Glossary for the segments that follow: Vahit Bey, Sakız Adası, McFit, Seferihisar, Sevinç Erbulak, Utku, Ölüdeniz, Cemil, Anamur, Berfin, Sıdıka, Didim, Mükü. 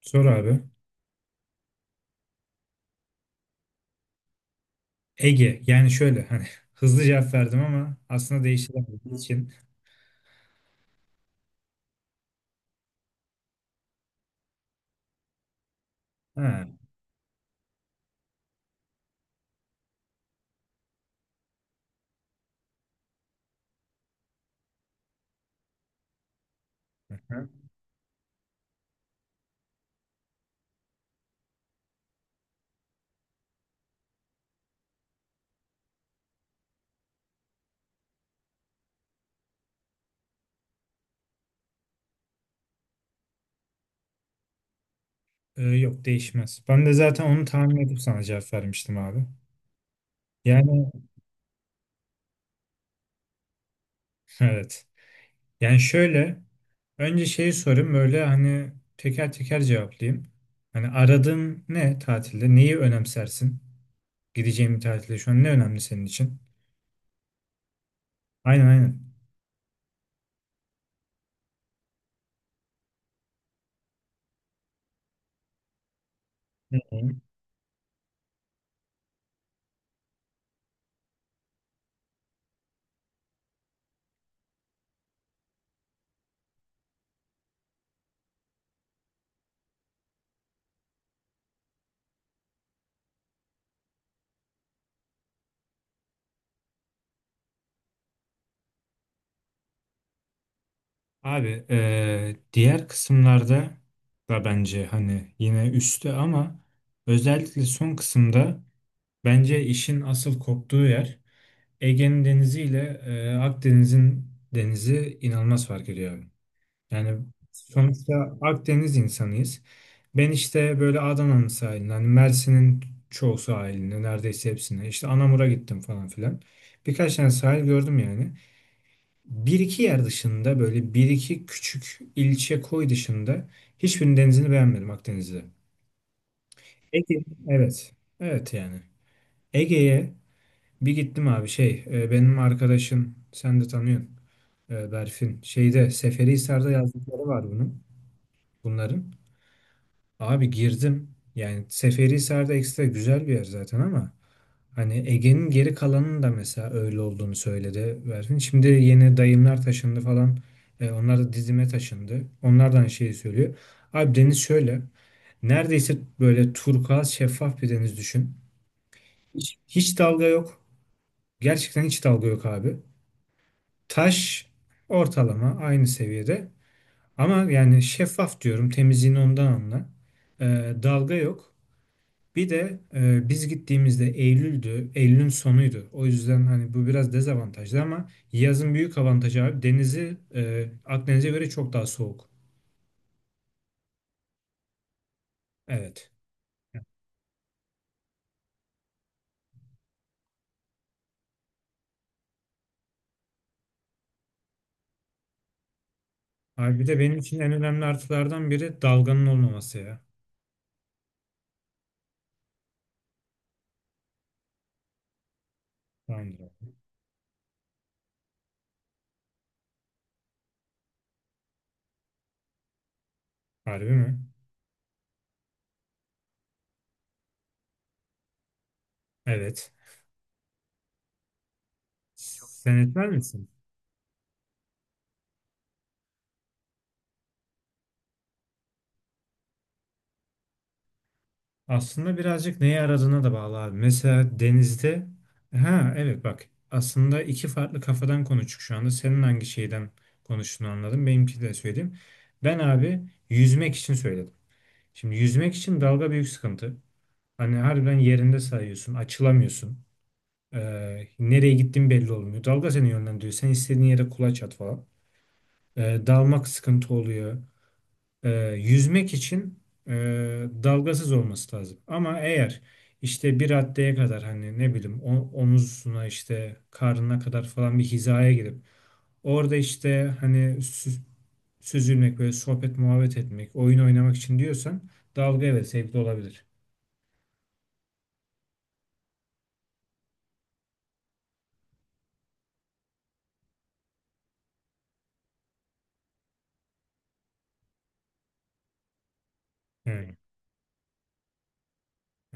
Sor abi. Ege. Yani şöyle hani hızlı cevap verdim ama aslında değiştiremediği için. Ha. Ha. Yok değişmez. Ben de zaten onu tahmin edip sana cevap vermiştim abi. Yani evet. Yani şöyle önce şeyi sorayım böyle hani teker teker cevaplayayım. Hani aradığın ne tatilde? Neyi önemsersin? Gideceğin bir tatilde şu an ne önemli senin için? Aynen aynen. Hı hı. Abi diğer kısımlarda da bence hani yine üstte ama özellikle son kısımda bence işin asıl koptuğu yer Ege'nin denizi ile Akdeniz'in denizi inanılmaz fark ediyor abi. Yani sonuçta Akdeniz insanıyız. Ben işte böyle Adana'nın sahiline, hani Mersin'in çoğu sahiline, neredeyse hepsine, işte Anamur'a gittim falan filan. Birkaç tane sahil gördüm yani. Bir iki yer dışında, böyle bir iki küçük ilçe koy dışında hiçbirinin denizini beğenmedim Akdeniz'de. Ege. Evet. Evet yani. Ege'ye bir gittim abi, şey benim arkadaşım sen de tanıyorsun Berfin. Şeyde Seferihisar'da yazdıkları var bunun bunların. Abi girdim. Yani Seferihisar'da ekstra güzel bir yer zaten, ama hani Ege'nin geri kalanının da mesela öyle olduğunu söyledi Berfin. Şimdi yeni dayımlar taşındı falan. Onlar da Didim'e taşındı. Onlardan şeyi söylüyor. Abi deniz şöyle. Neredeyse böyle turkuaz şeffaf bir deniz düşün. Hiç hiç dalga yok. Gerçekten hiç dalga yok abi. Taş ortalama aynı seviyede. Ama yani şeffaf diyorum. Temizliğini ondan anla. Dalga yok. Bir de biz gittiğimizde Eylül'dü, Eylül'ün sonuydu. O yüzden hani bu biraz dezavantajlı, ama yazın büyük avantajı abi, denizi Akdeniz'e göre çok daha soğuk. Evet. Abi bir de benim için en önemli artılardan biri dalganın olmaması ya. Tamamdır. Harbi mi? Evet. Sen etmez misin? Aslında birazcık neye aradığına da bağlı abi. Mesela denizde, ha evet, bak aslında iki farklı kafadan konuştuk şu anda. Senin hangi şeyden konuştuğunu anladım. Benimki de söyleyeyim. Ben abi yüzmek için söyledim. Şimdi yüzmek için dalga büyük sıkıntı. Hani harbiden yerinde sayıyorsun, açılamıyorsun. Nereye gittiğin belli olmuyor. Dalga seni yönlendiriyor. Sen istediğin yere kulaç at falan. Dalmak sıkıntı oluyor, e, yüzmek için e, dalgasız olması lazım. Ama eğer işte bir raddeye kadar, hani ne bileyim, omuzuna, işte karnına kadar falan bir hizaya girip orada işte hani süzülmek, böyle sohbet muhabbet etmek, oyun oynamak için diyorsan, dalga evet zevkli olabilir. Yani,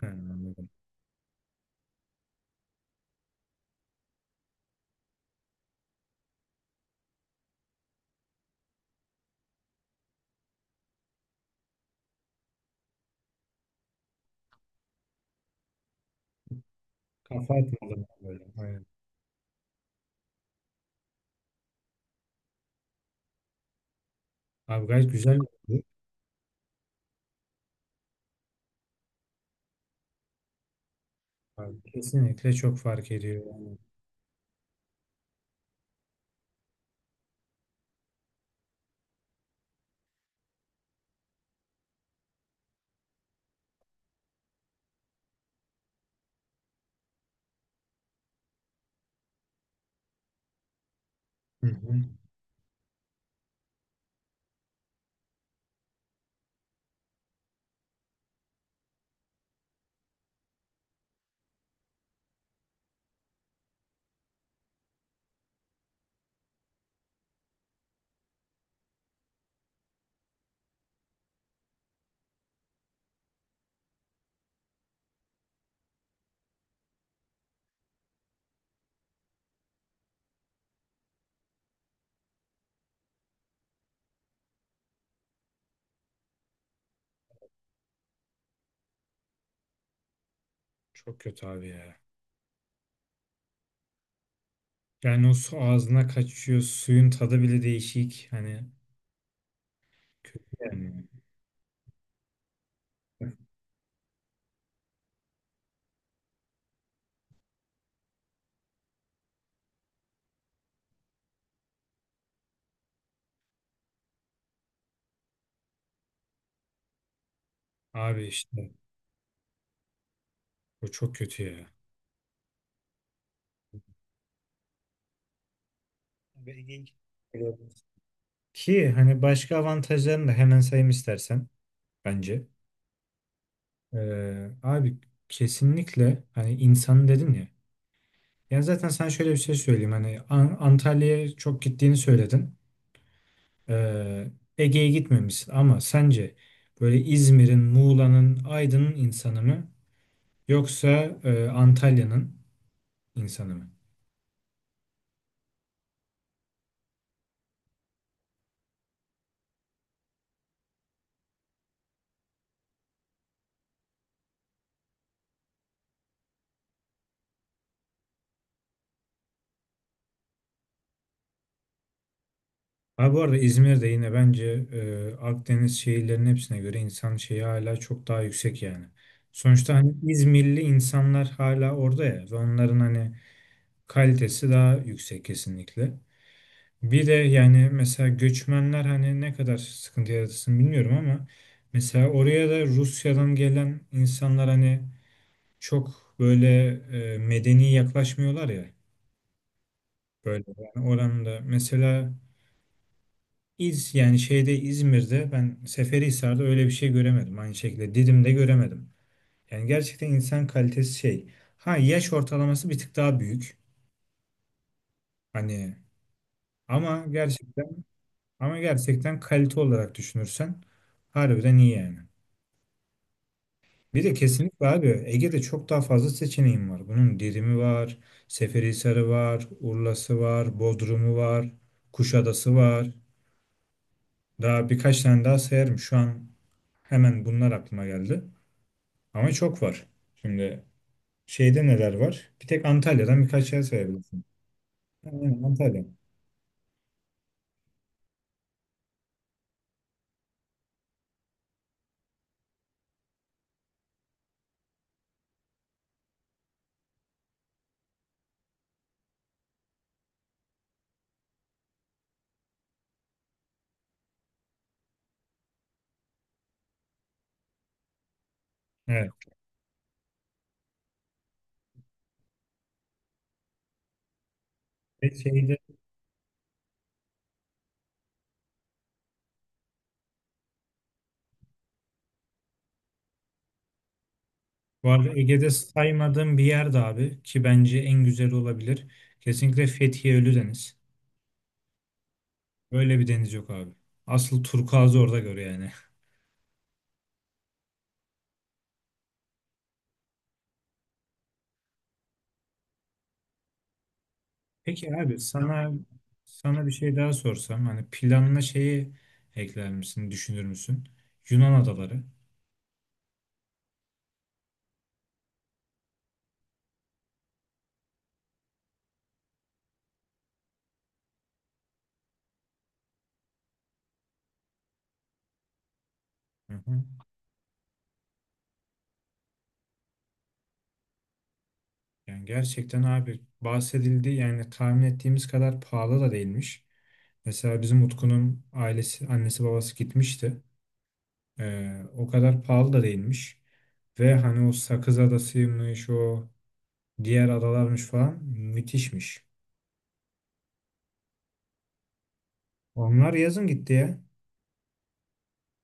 yani anladım. Kafa atmadım böyle. Aynen. Abi gayet güzel oldu. Abi, kesinlikle çok fark ediyor. Yani. Hı hı. Çok kötü abi ya. Yani o su ağzına kaçıyor. Suyun tadı bile değişik. Hani kötü yani. Abi işte o çok kötü ya. Böyle ilginç. Evet. Ki hani başka avantajlarını da hemen sayayım istersen bence. Abi kesinlikle hani insanı dedin ya. Yani zaten sana şöyle bir şey söyleyeyim. Hani Antalya'ya çok gittiğini söyledin. Ee, Ege'ye gitmemişsin, ama sence böyle İzmir'in, Muğla'nın, Aydın'ın insanı mı? Yoksa Antalya'nın insanı mı? Abi bu arada İzmir'de yine bence Akdeniz şehirlerinin hepsine göre insan şeyi hala çok daha yüksek yani. Sonuçta hani İzmirli insanlar hala orada ya, ve onların hani kalitesi daha yüksek kesinlikle. Bir de yani mesela göçmenler, hani ne kadar sıkıntı yaratırsın bilmiyorum, ama mesela oraya da Rusya'dan gelen insanlar hani çok böyle medeni yaklaşmıyorlar ya. Böyle yani oranında mesela yani şeyde İzmir'de ben Seferihisar'da öyle bir şey göremedim, aynı şekilde Didim'de göremedim. Yani gerçekten insan kalitesi şey. Ha, yaş ortalaması bir tık daha büyük. Hani ama gerçekten ama gerçekten kalite olarak düşünürsen harbiden iyi yani. Bir de kesinlikle abi Ege'de çok daha fazla seçeneğim var. Bunun Didim'i var, Seferihisar'ı var, Urla'sı var, Bodrum'u var, Kuşadası var. Daha birkaç tane daha sayarım şu an, hemen bunlar aklıma geldi. Ama çok var. Şimdi şeyde neler var? Bir tek Antalya'dan birkaç yer sayabilirsin. Aynen, Antalya. Evet. Ve şeyde bu arada Ege'de saymadığım bir yer de abi, ki bence en güzel olabilir. Kesinlikle Fethiye Ölüdeniz. Böyle bir deniz yok abi. Asıl turkuazı orada gör yani. Peki abi, sana bir şey daha sorsam, hani planına şeyi ekler misin, düşünür müsün? Yunan adaları. Hı hı. Yani gerçekten abi, bahsedildi, yani tahmin ettiğimiz kadar pahalı da değilmiş. Mesela bizim Utku'nun ailesi, annesi babası gitmişti. O kadar pahalı da değilmiş. Ve hani o Sakız Adası'ymış, o diğer adalarmış falan, müthişmiş. Onlar yazın gitti ya.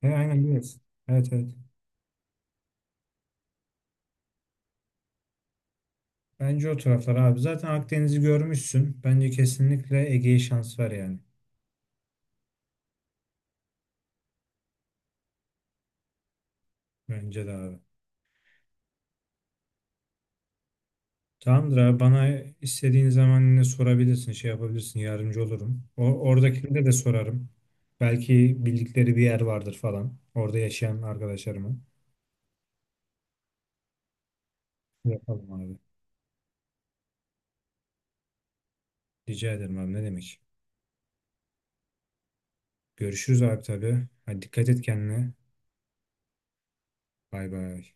He, aynen biliyorsun. Evet evet. Bence o taraflar abi. Zaten Akdeniz'i görmüşsün. Bence kesinlikle Ege'ye şans var yani. Bence de abi. Tamamdır abi, bana istediğin zaman yine sorabilirsin, şey yapabilirsin, yardımcı olurum. O, oradakilere de sorarım. Belki bildikleri bir yer vardır falan, orada yaşayan arkadaşlarımı. Yapalım abi. Rica ederim abi, ne demek. Görüşürüz abi tabii. Hadi dikkat et kendine. Bay bay.